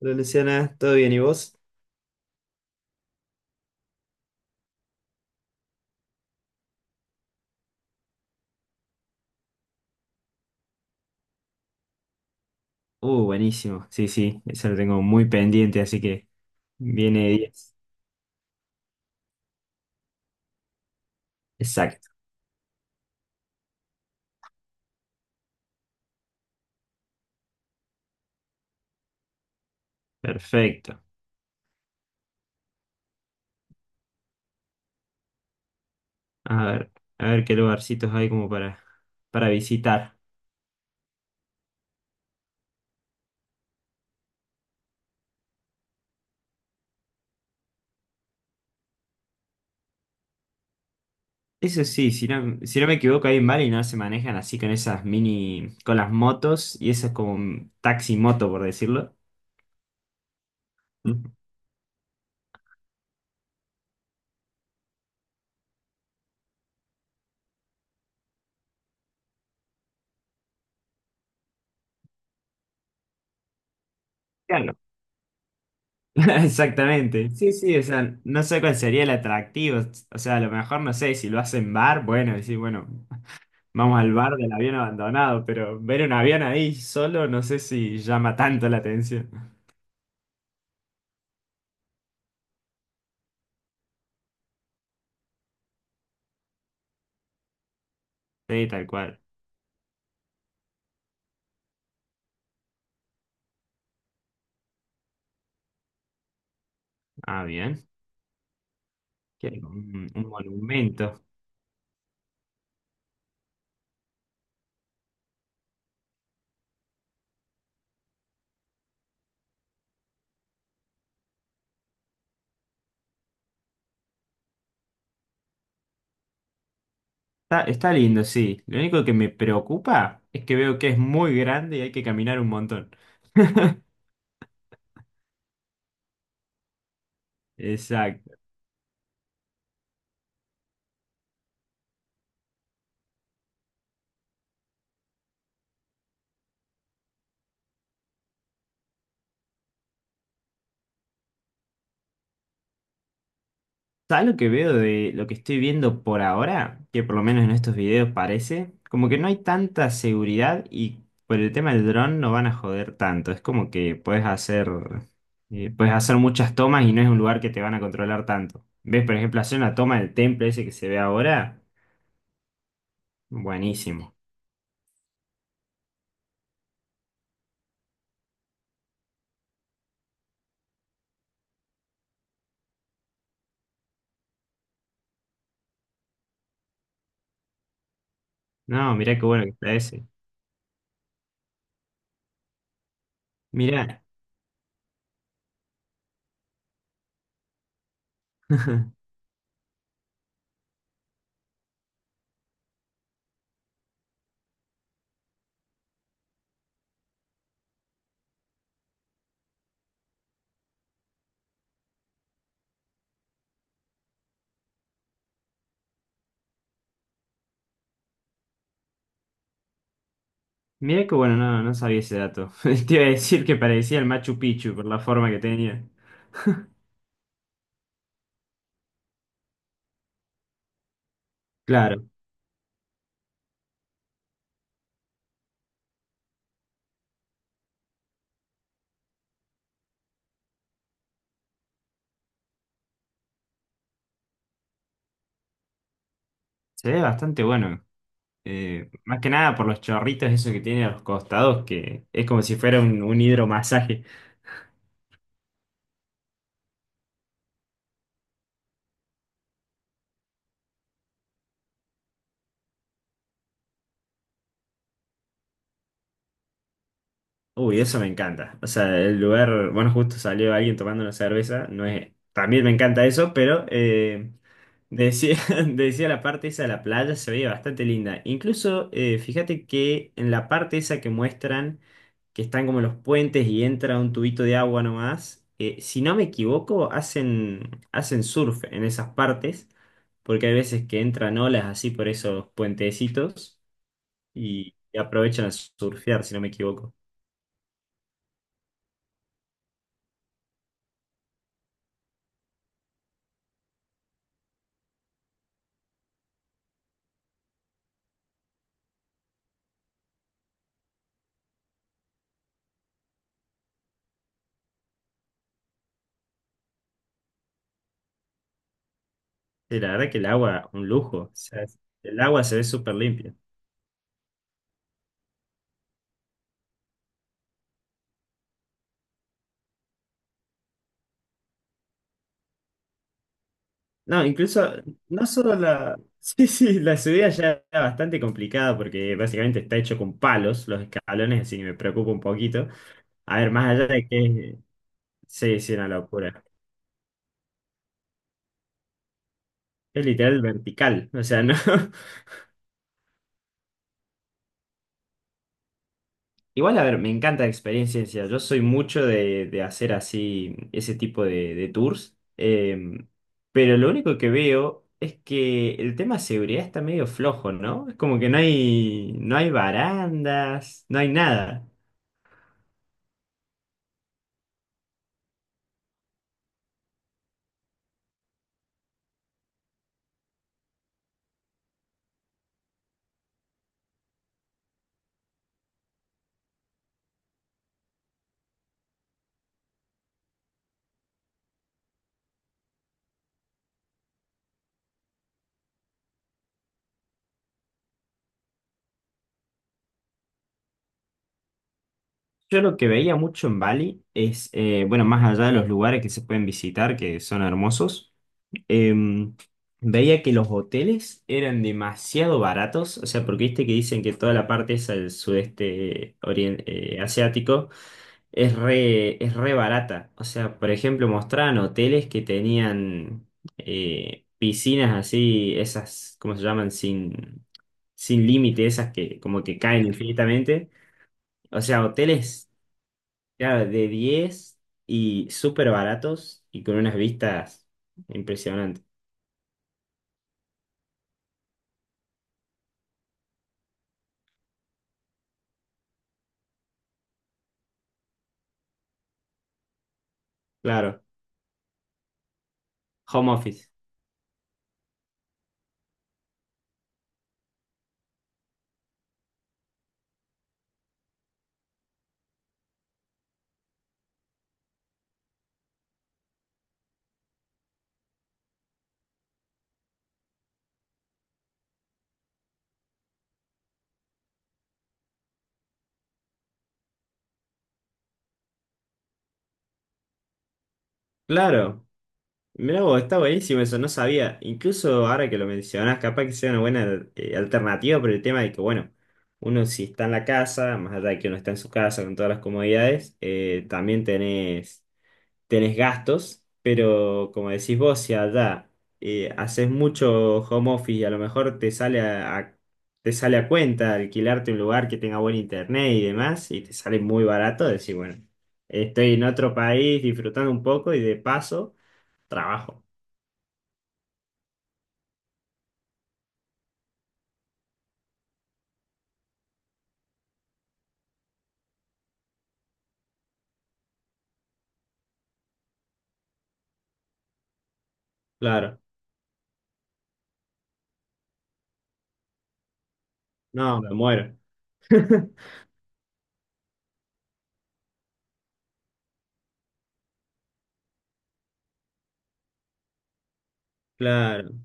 Hola Luciana, ¿todo bien y vos? Buenísimo. Sí, eso lo tengo muy pendiente, así que viene 10. Exacto, perfecto. A ver, a ver qué lugarcitos hay como para visitar. Eso sí, si no me equivoco, ahí en Bali no se manejan así con esas mini, con las motos y eso es como un taxi moto, por decirlo. Mm. Claro. Exactamente. Sí, o sea, no sé cuál sería el atractivo. O sea, a lo mejor no sé, si lo hacen bueno, decir, bueno. Vamos al bar del avión abandonado, pero ver un avión ahí solo no sé si llama tanto la atención. Sí, tal cual. Ah, bien. Un monumento. Está lindo, sí. Lo único que me preocupa es que veo que es muy grande y hay que caminar un montón. Exacto. ¿Sabes lo que veo de lo que estoy viendo por ahora? Que por lo menos en estos videos parece, como que no hay tanta seguridad y por el tema del dron no van a joder tanto. Es como que puedes hacer muchas tomas y no es un lugar que te van a controlar tanto. ¿Ves? Por ejemplo, hacer una toma del templo ese que se ve ahora, buenísimo. No, mirá qué bueno que está ese. Mirá, mirá qué bueno, no sabía ese dato. Te iba a decir que parecía el Machu Picchu por la forma que tenía. Claro, se ve bastante bueno. Más que nada por los chorritos esos que tiene a los costados, que es como si fuera un hidromasaje. Uy, eso me encanta. O sea, el lugar, bueno, justo salió alguien tomando una cerveza, no es, también me encanta eso, pero decía, decía la parte esa de la playa se veía bastante linda. Incluso, fíjate que en la parte esa que muestran, que están como los puentes y entra un tubito de agua nomás, si no me equivoco, hacen surf en esas partes, porque hay veces que entran olas así por esos puentecitos y aprovechan a surfear, si no me equivoco. Sí, la verdad que el agua, un lujo. O sea, el agua se ve súper limpia. No, incluso, no solo la. Sí, la subida ya era bastante complicada porque básicamente está hecho con palos los escalones, así que me preocupa un poquito. A ver, más allá de que. Sí, una locura. Es literal vertical, o sea, no. Igual, a ver, me encanta la experiencia. Yo soy mucho de hacer así ese tipo de tours. Pero lo único que veo es que el tema de seguridad está medio flojo, ¿no? Es como que no hay, no hay barandas, no hay nada. Yo lo que veía mucho en Bali es, bueno, más allá de los lugares que se pueden visitar, que son hermosos, em, veía que los hoteles eran demasiado baratos, o sea, porque viste que dicen que toda la parte esa del sudeste asiático es re barata. O sea, por ejemplo, mostraban hoteles que tenían piscinas así, esas, ¿cómo se llaman? Sin límite, esas que como que caen infinitamente. O sea, hoteles, claro, de 10 y súper baratos y con unas vistas impresionantes. Claro. Home office. Claro, mirá vos, está buenísimo eso, no sabía. Incluso ahora que lo mencionás, capaz que sea una buena alternativa por el tema de que, bueno, uno si está en la casa, más allá de que uno está en su casa con todas las comodidades, también tenés. Tenés gastos, pero como decís vos, si allá haces mucho home office y a lo mejor te sale a cuenta alquilarte un lugar que tenga buen internet y demás, y te sale muy barato, decir, bueno, estoy en otro país disfrutando un poco y de paso trabajo. Claro, no, me muero. Claro,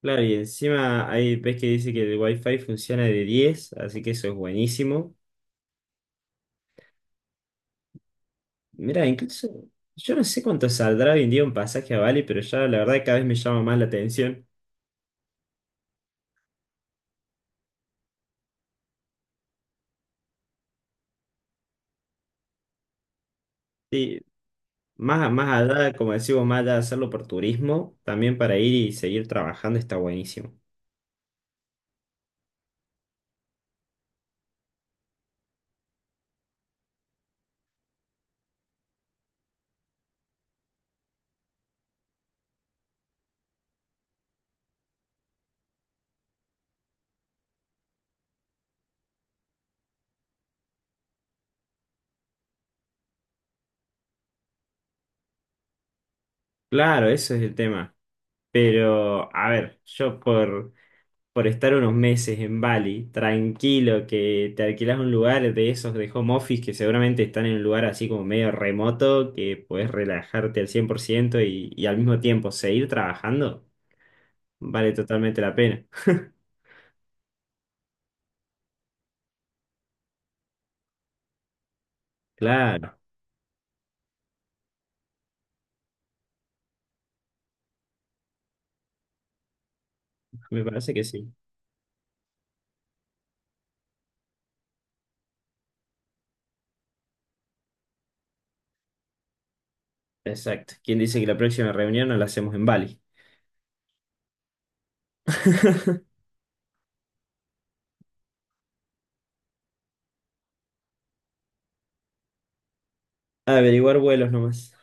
claro, y encima ahí ves que dice que el wifi funciona de 10 así que eso es buenísimo. Mira, incluso yo no sé cuánto saldrá hoy en día un pasaje a Bali, pero ya la verdad que cada vez me llama más la atención. Sí, más allá, como decimos, más allá de hacerlo por turismo, también para ir y seguir trabajando está buenísimo. Claro, eso es el tema. Pero, a ver, por estar unos meses en Bali, tranquilo, que te alquilas un lugar de esos de home office que seguramente están en un lugar así como medio remoto, que puedes relajarte al 100% y al mismo tiempo seguir trabajando. Vale totalmente la pena. Claro, me parece que sí. Exacto. ¿Quién dice que la próxima reunión no la hacemos en Bali? Averiguar vuelos nomás.